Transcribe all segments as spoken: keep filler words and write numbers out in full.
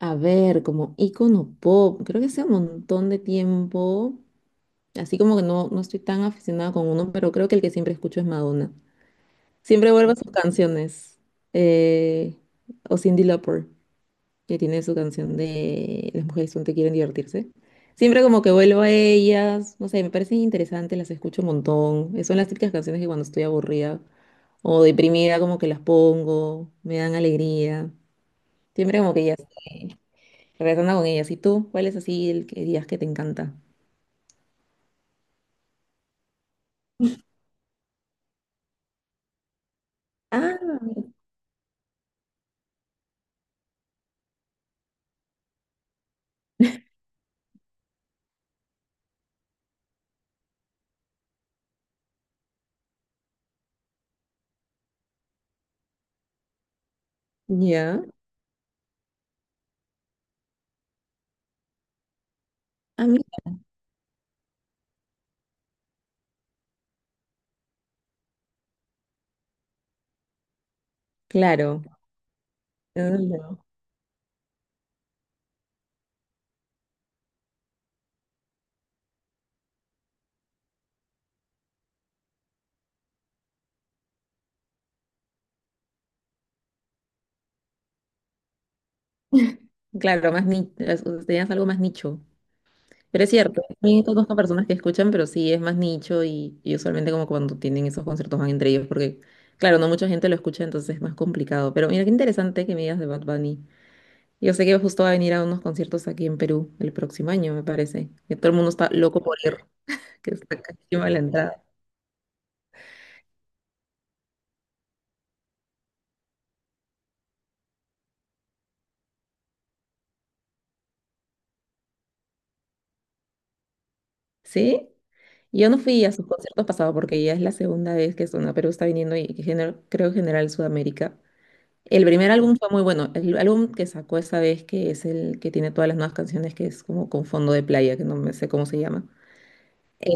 A ver, como icono pop, creo que hace un montón de tiempo, así como que no, no estoy tan aficionada con uno, pero creo que el que siempre escucho es Madonna. Siempre vuelvo a sus canciones. eh, o Cindy Lauper, que tiene su canción de Las mujeres son te quieren divertirse. Siempre como que vuelvo a ellas, no sé, me parecen interesantes, las escucho un montón. Eh, Son las típicas canciones que cuando estoy aburrida o deprimida como que las pongo, me dan alegría. Siempre como que ya sé. Regresando con ellas. ¿Y tú? ¿Cuál es así el que digas que te encanta? Ah, ya. A mí. Claro. Ujú. Claro, más nicho. Tenías algo más nicho. Pero es cierto, a conozco personas que escuchan, pero sí es más nicho y, y usualmente como cuando tienen esos conciertos van entre ellos, porque claro, no mucha gente lo escucha, entonces es más complicado. Pero mira, qué interesante que me digas de Bad Bunny. Yo sé que justo va a venir a unos conciertos aquí en Perú el próximo año, me parece. Que todo el mundo está loco por ir, que está carísima la entrada. ¿Sí? Yo no fui a sus conciertos pasados porque ya es la segunda vez que Zona Perú está viniendo y que gener- creo en general Sudamérica. El primer álbum fue muy bueno. El álbum que sacó esa vez, que es el que tiene todas las nuevas canciones, que es como con fondo de playa, que no me sé cómo se llama. Eh,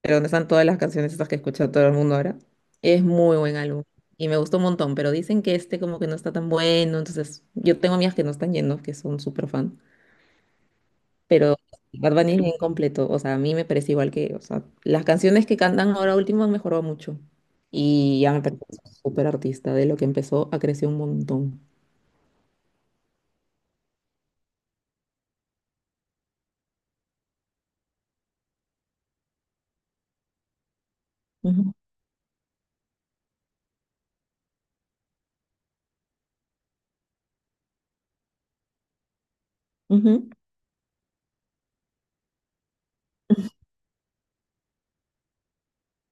pero donde están todas las canciones estas que escucha todo el mundo ahora. Es muy buen álbum y me gustó un montón, pero dicen que este como que no está tan bueno, entonces yo tengo amigas que no están yendo, que son súper fan. Pero Bad Bunny es bien completo, o sea, a mí me parece igual que, o sea, las canciones que cantan ahora último han mejorado mucho. Y ya me parece súper artista, de lo que empezó a crecer un montón. Ujú, ujú.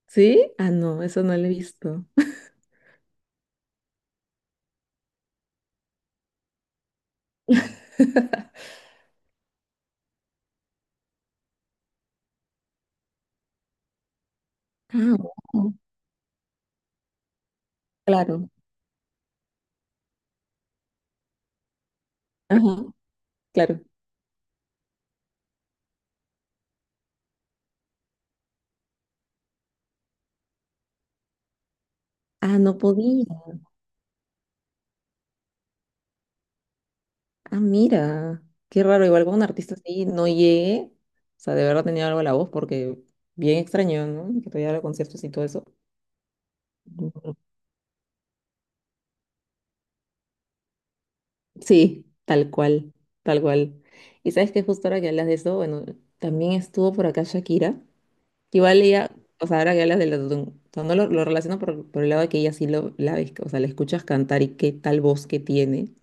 ¿Sí? Ah, no, eso no lo he visto. Ah, wow, claro. Ajá, claro. Ah, no podía. Ah, mira. Qué raro, igual con un artista así no llegué. O sea, de verdad tenía algo a la voz porque bien extraño, ¿no? Que todavía los conciertos y todo eso. Sí, tal cual, tal cual. Y sabes que justo ahora que hablas de eso, bueno, también estuvo por acá Shakira. Igual ella, o sea, ahora que hablas del autotune, o sea, no lo, lo relaciono por, por el lado de que ella sí lo, la ves, o sea, la escuchas cantar y qué tal voz que tiene,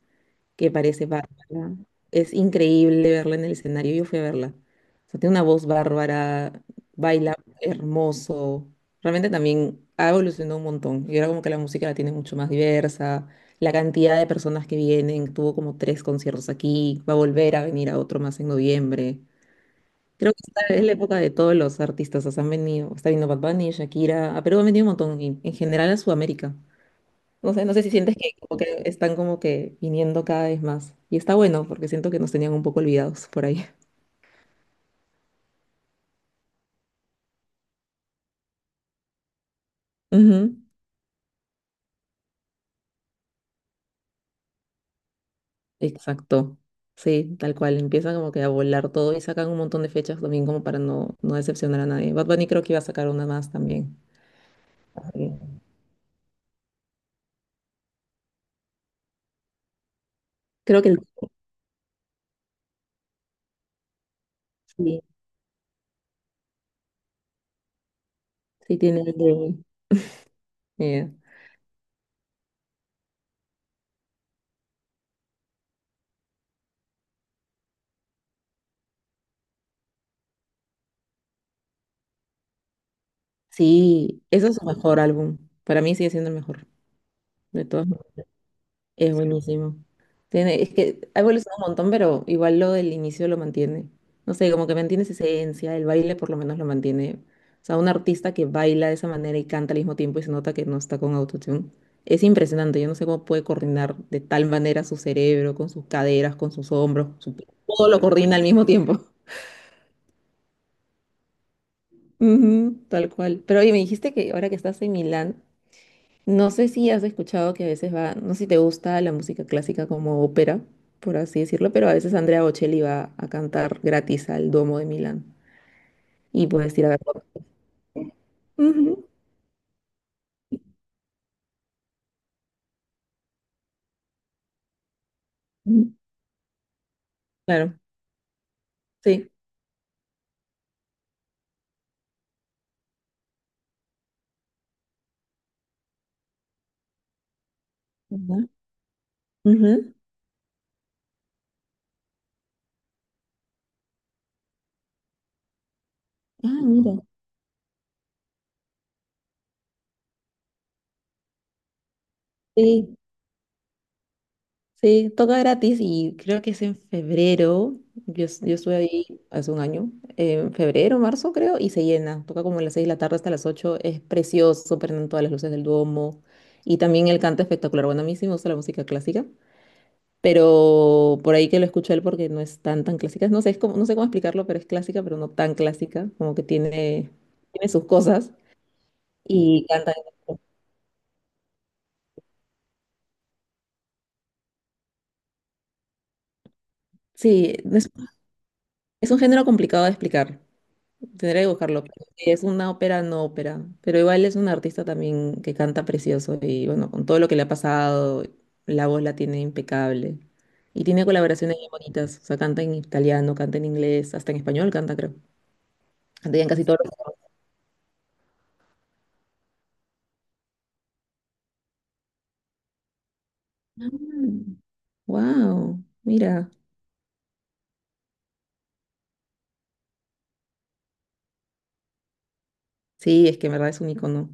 que parece bárbara. Es increíble verla en el escenario. Yo fui a verla. O sea, tiene una voz bárbara, baila hermoso. Realmente también ha evolucionado un montón. Y ahora como que la música la tiene mucho más diversa. La cantidad de personas que vienen, tuvo como tres conciertos aquí, va a volver a venir a otro más en noviembre. Creo que esta es la época de todos los artistas. o sea, han venido, está viniendo Bad Bunny, Shakira, a Perú ha venido un montón, y en general a Sudamérica. No sé, no sé si sientes que como que están como que viniendo cada vez más. Y está bueno porque siento que nos tenían un poco olvidados por ahí. Ujú, exacto. Sí, tal cual. Empieza como que a volar todo y sacan un montón de fechas también como para no, no decepcionar a nadie. Bad Bunny creo que iba a sacar una más también. Sí. Creo que el- sí, sí tiene el de- eh, sí, ese es su mejor álbum. Para mí sigue siendo el mejor de todos. Es buenísimo. Tiene, es que ha evolucionado un montón, pero igual lo del inicio lo mantiene. No sé, como que mantiene esa esencia, el baile por lo menos lo mantiene. O sea, un artista que baila de esa manera y canta al mismo tiempo y se nota que no está con autotune. Es impresionante, yo no sé cómo puede coordinar de tal manera su cerebro, con sus caderas, con sus hombros, su- todo lo coordina al mismo tiempo. Ujú, tal cual. Pero oye, me dijiste que ahora que estás en Milán, no sé si has escuchado que a veces va, no sé si te gusta la música clásica como ópera, por así decirlo, pero a veces Andrea Bocelli va a cantar gratis al Duomo de Milán y puedes ir a verlo. Ujú. Ujú. Claro, sí. Ujú. Ujú. Ah, mira. Sí. Sí, toca gratis y creo que es en febrero. Yo, es- yo estuve ahí hace un año, en febrero, marzo creo, y se llena. Toca como a las seis de la tarde hasta las ocho. Es precioso, prenden todas las luces del Duomo. Y también el canto espectacular. Bueno, a mí sí me gusta la música clásica, pero por ahí que lo escuché él porque no es tan, tan clásica. No sé, es como, no sé cómo explicarlo, pero es clásica, pero no tan clásica. Como que tiene, tiene, sus cosas y canta. Sí, es, es un género complicado de explicar. Tendría que buscarlo. Pero sí, Es una ópera, no ópera. Pero igual es un artista también que canta precioso y bueno, con todo lo que le ha pasado, la voz la tiene impecable. Y tiene colaboraciones bien bonitas. O sea, canta en italiano, canta en inglés, hasta en español canta, creo. Canta ya en casi todos los... Ah. Wow, mira. Sí, es que en verdad es un icono.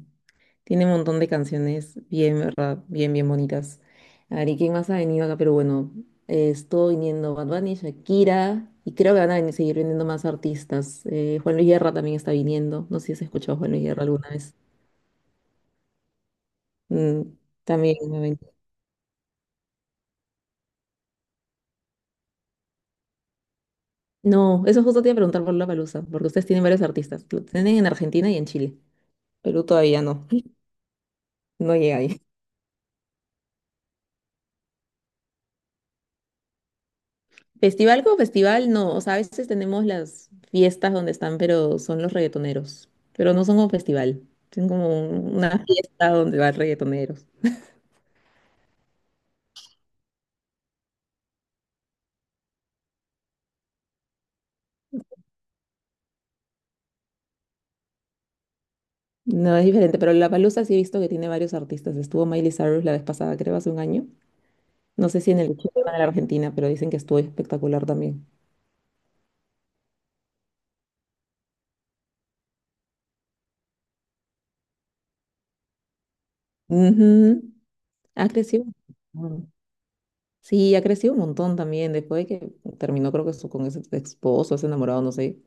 Tiene un montón de canciones bien, ¿verdad? Bien, bien bonitas. A ver, ¿y quién más ha venido acá? Pero bueno, eh, estuvo viniendo Bad Bunny, Shakira, y creo que van a venir- seguir viniendo más artistas. Eh, Juan Luis Guerra también está viniendo. No sé si has escuchado a Juan Luis Guerra alguna vez. Mm, también va a venir. No, eso justo te iba a preguntar por palusa porque ustedes tienen varios artistas. Lo tienen en Argentina y en Chile. Perú todavía no. No llega. Festival como festival, no. O sea, a veces tenemos las fiestas donde están, pero son los reggaetoneros. Pero no son como festival. Son como un- una fiesta donde van reggaetoneros. No, es diferente, pero la Palusa sí he visto que tiene varios artistas. Estuvo Miley Cyrus la vez pasada, creo, hace un año. No sé si en el Chile o en la Argentina, pero dicen que estuvo espectacular también. Ujú. Ha crecido un montón. Sí, ha crecido un montón también. Después de que terminó, creo que su- con ese esposo, ese enamorado, no sé.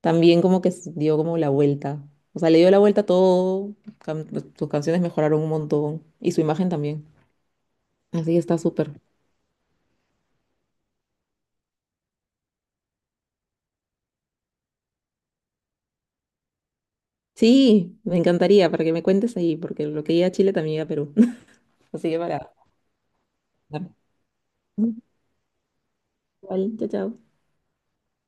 También como que s- dio como la vuelta. O sea, le dio la vuelta a todo, cam- pues, sus canciones mejoraron un montón y su imagen también. Así que está súper. Sí, me encantaría para que me cuentes ahí, porque lo que iba a Chile también iba a Perú. Así que para... Vale, chao, chao.